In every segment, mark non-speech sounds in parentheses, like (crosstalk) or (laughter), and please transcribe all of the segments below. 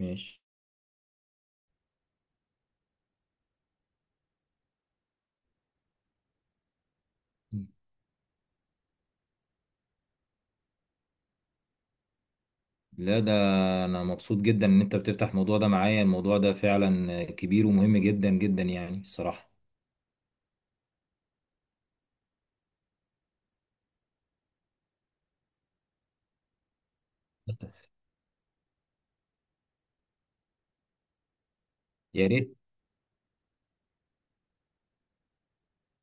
ماشي. لا، ده انا مبسوط جدا ان انت بتفتح الموضوع ده معايا. الموضوع ده فعلا كبير ومهم جدا جدا، يعني الصراحة. يا ريت.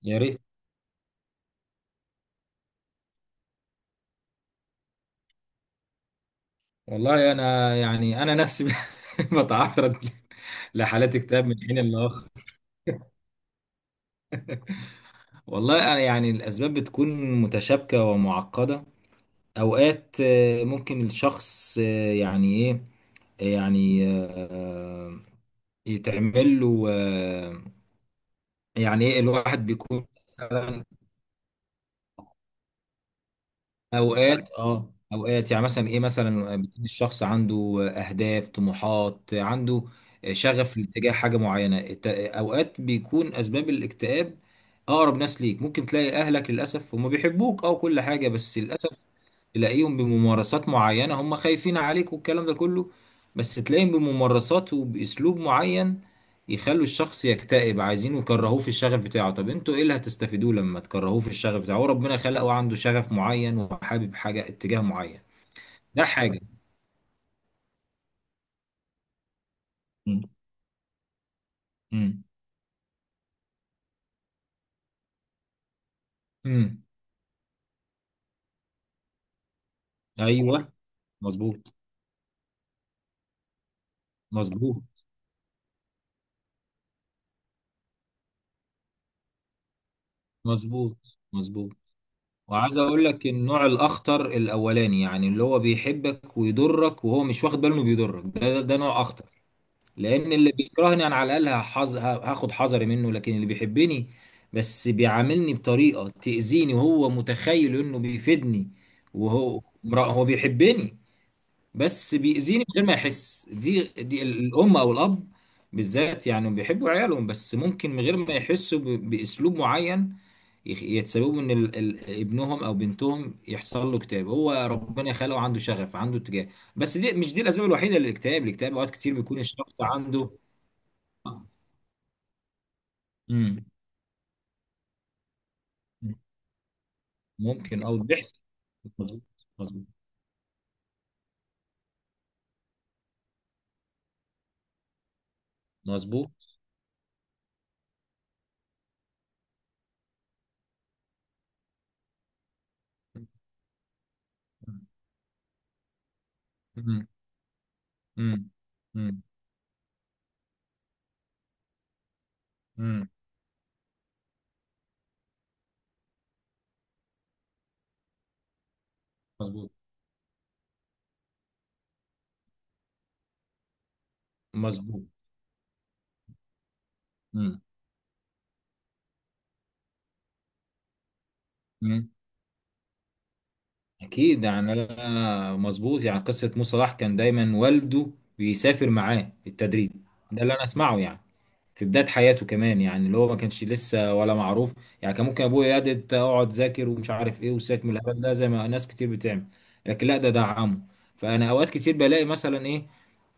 يا ريت. والله انا يعني انا نفسي (laughs) بتعرض لحالات اكتئاب من حين لاخر. والله انا يعني الاسباب بتكون متشابكه ومعقده. اوقات ممكن الشخص يعني ايه، يعني يتعمل له، يعني ايه، الواحد بيكون مثلا اوقات، اه، اوقات يعني مثلا ايه، مثلا بيكون الشخص عنده، اهداف طموحات عنده، شغف لاتجاه حاجه معينه. اوقات بيكون اسباب الاكتئاب اقرب ناس ليك. ممكن تلاقي اهلك للاسف هم بيحبوك او كل حاجه، بس للاسف تلاقيهم بممارسات معينة، هم خايفين عليك والكلام ده كله، بس تلاقيهم بممارسات وبأسلوب معين يخلوا الشخص يكتئب. عايزين يكرهوه في الشغف بتاعه، طب انتوا ايه اللي هتستفيدوه لما تكرهوه في الشغف بتاعه؟ هو ربنا خلقه عنده شغف معين وحابب حاجة اتجاه معين. ده حاجة. مم. مم. مم. ايوه. مظبوط. مظبوط. مظبوط. مظبوط. وعايز اقول لك النوع الاخطر الاولاني، يعني اللي هو بيحبك ويضرك وهو مش واخد باله انه بيضرك، ده نوع اخطر، لان اللي بيكرهني انا على الاقل هاخد حذري منه، لكن اللي بيحبني بس بيعاملني بطريقه تاذيني وهو متخيل انه بيفيدني. هو بيحبني بس بيأذيني من غير ما يحس. دي الام او الاب بالذات يعني بيحبوا عيالهم، بس ممكن من غير ما يحسوا ب... باسلوب معين يتسببوا ان ابنهم او بنتهم يحصل له اكتئاب. هو ربنا خلقه عنده شغف، عنده اتجاه. بس دي مش دي الاسباب الوحيده للاكتئاب. الاكتئاب اوقات كتير بيكون الشخص عنده. امم. ممكن، او بيحصل. مظبوط. مظبوط. مظبوط. امم. امم. امم. امم. مظبوط. مظبوط. امم. امم. اكيد يعني انا مظبوط. يعني قصه موسى صلاح كان دايما والده بيسافر معاه التدريب، ده اللي انا اسمعه يعني، في بدايه حياته كمان، يعني اللي هو ما كانش لسه ولا معروف، يعني كان ممكن ابويا يا دي اقعد ذاكر ومش عارف ايه وساك من الهبل ده زي ما ناس كتير بتعمل، لكن لا، ده دعمه. فانا اوقات كتير بلاقي مثلا ايه،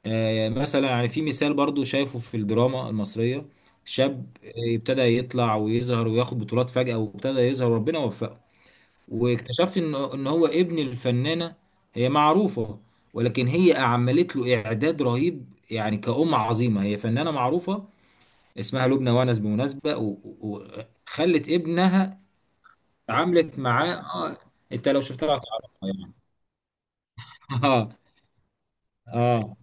مثلا يعني في مثال برضو شايفه في الدراما المصرية، شاب ابتدى يطلع ويظهر وياخد بطولات فجأة وابتدى يظهر وربنا وفقه، واكتشف ان هو ابن الفنانة، هي معروفة، ولكن هي عملت له اعداد رهيب يعني كأم عظيمة، هي فنانة معروفة اسمها لبنى وانس بمناسبة وخلت ابنها اتعاملت معاه. اه، انت لو شفتها هتعرفها يعني. (laughs) اه. اه.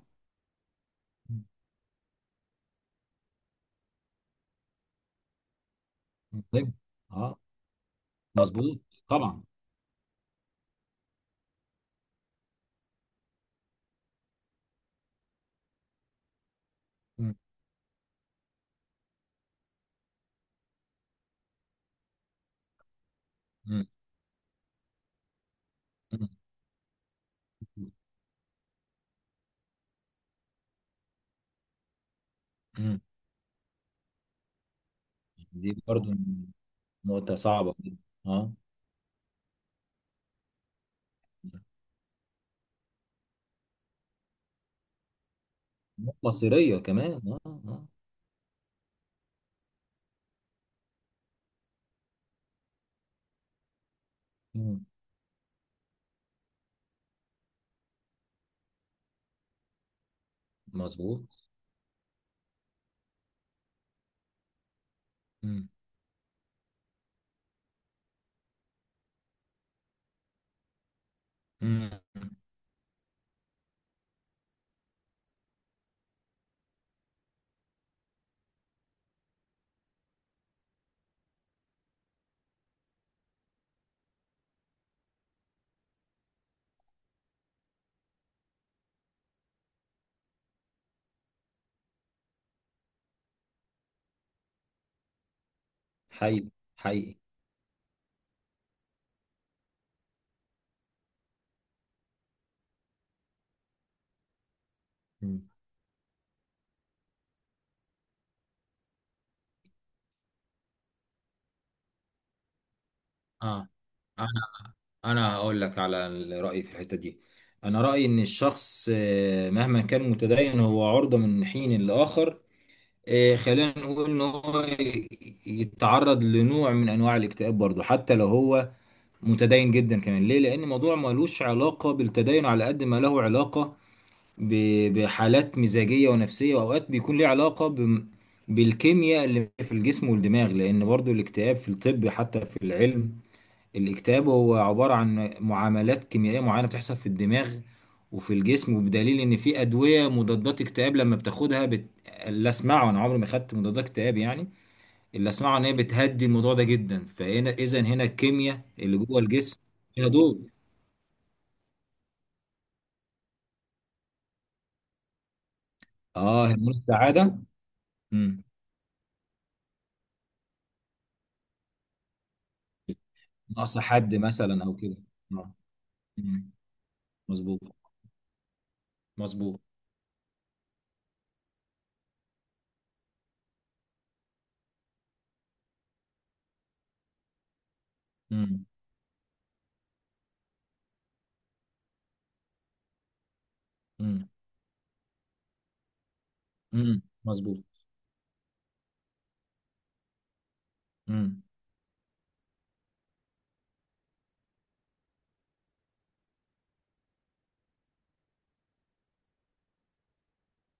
مهم. اه. مظبوط. طبعا. مم. مم. مم. دي برضو نقطة صعبة. اه، مصيرية كمان. اه. اه. مم. مظبوط. مم. مم. حقيقي. حقيقي. مم. اه. انا انا هقول لك على رأيي في الحتة دي. انا رأيي ان الشخص مهما كان متدين هو عرضة من حين لآخر، خلينا نقول ان هو يتعرض لنوع من انواع الاكتئاب برضه، حتى لو هو متدين جدا كمان. ليه؟ لان الموضوع ملوش علاقه بالتدين على قد ما له علاقه بحالات مزاجيه ونفسيه، واوقات بيكون ليه علاقه بالكيمياء اللي في الجسم والدماغ، لان برضو الاكتئاب في الطب حتى في العلم، الاكتئاب هو عباره عن معاملات كيميائيه معينه بتحصل في الدماغ وفي الجسم، وبدليل ان في ادويه مضادات اكتئاب لما بتاخدها بت... لا اسمعوا، انا عمري ما خدت مضادات اكتئاب يعني، اللي اسمعه ان هي بتهدي الموضوع ده جدا، فهنا اذا هنا الكيمياء اللي جوه الجسم ليها دور. اه، هرمون السعاده. امم. ناقص حد مثلا او كده. آه. مم. مظبوط. مظبوط. امم. امم. امم. مظبوط. امم.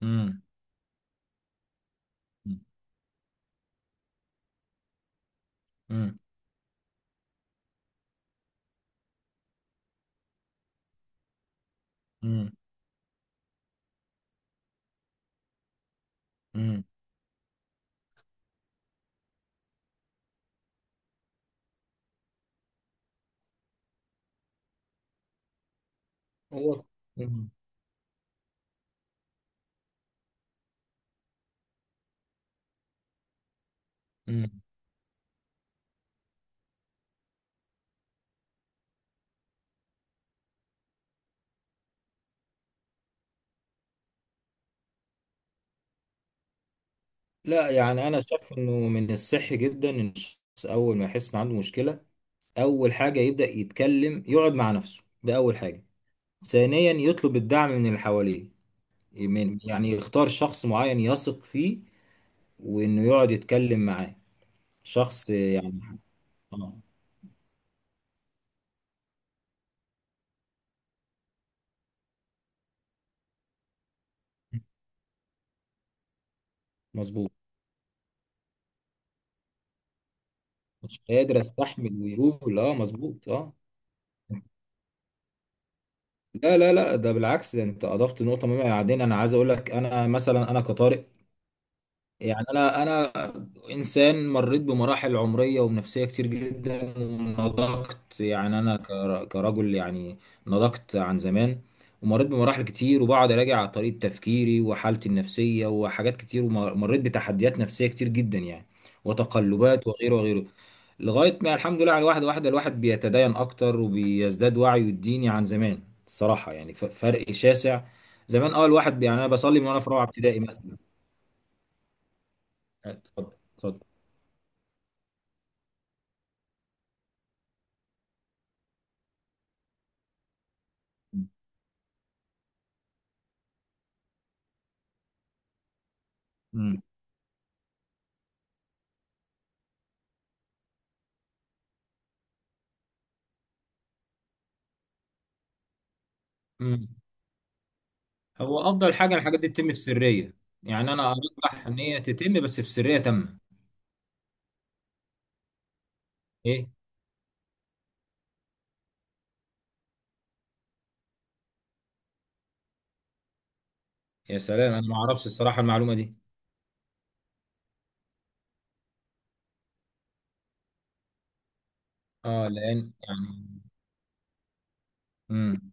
امم. امم. امم. امم. هو. مم. مم. لا يعني انا شايف انه من الصحي جدا ان الشخص اول ما يحس ان عنده مشكله اول حاجه يبدا يتكلم، يقعد مع نفسه، ده اول حاجه. ثانيا يطلب الدعم من اللي حواليه، من يعني، يختار شخص معين يثق فيه وانه يقعد يتكلم معاه، شخص يعني. اه. مظبوط، مش قادر استحمل ويقول اه مظبوط اه. لا لا لا، ده بالعكس، ده انت اضفت نقطه مهمه. بعدين انا عايز اقول لك، انا مثلا انا كطارق، يعني انا انسان مريت بمراحل عمريه ونفسيه كتير جدا ونضجت يعني، انا كرجل يعني، نضجت عن زمان، ومريت بمراحل كتير وبقعد اراجع على طريقه تفكيري وحالتي النفسيه وحاجات كتير، ومريت بتحديات نفسيه كتير جدا يعني، وتقلبات وغيره وغيره، لغايه ما الحمد لله على واحده واحده الواحد بيتدين اكتر وبيزداد وعيه الديني عن زمان الصراحه يعني، فرق شاسع زمان. اول واحد يعني انا بصلي من وانا في رابعه ابتدائي مثلا. اتفضل. اتفضل. مم. مم. هو افضل حاجه الحاجات دي تتم في سريه. يعني انا ارجح ان هي تتم بس في سريه تامه. ايه. يا سلام، انا ما اعرفش الصراحه المعلومه دي. اه لان يعني. مم.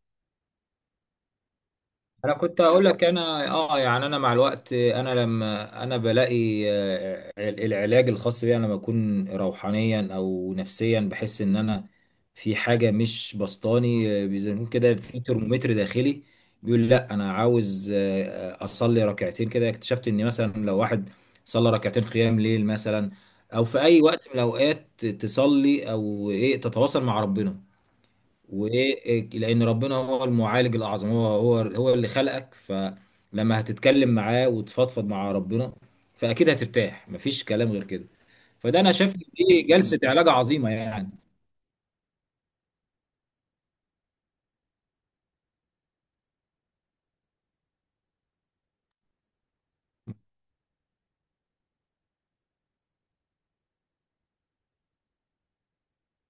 انا كنت اقول لك، انا اه يعني انا مع الوقت انا لما انا بلاقي العلاج الخاص بي، انا لما اكون روحانيا او نفسيا بحس ان انا في حاجه مش بسطاني، زي ما يكون كده في ترمومتر داخلي بيقول لا انا عاوز اصلي ركعتين كده. اكتشفت ان مثلا لو واحد صلى ركعتين قيام ليل مثلا او في اي وقت من الاوقات تصلي او ايه تتواصل مع ربنا، ولان ربنا هو المعالج الاعظم، هو اللي خلقك، فلما هتتكلم معاه وتفضفض مع ربنا فاكيد هترتاح، مفيش كلام غير كده. فده انا شايف إن دي جلسة علاج عظيمة يعني.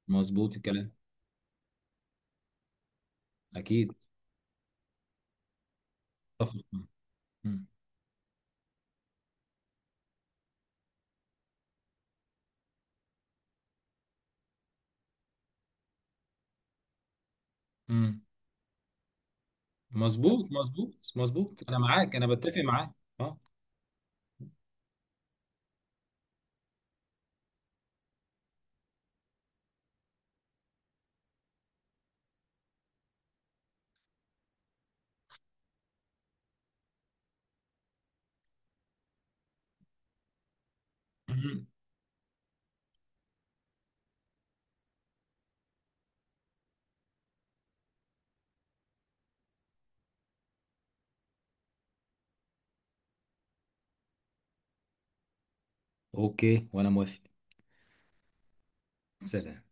مظبوط الكلام. اكيد. أتفق معاك. مم. مم. مظبوط مظبوط مظبوط، انا معاك، انا بتفق معاك. اه. مم. اوكي، وانا موافق. سلام.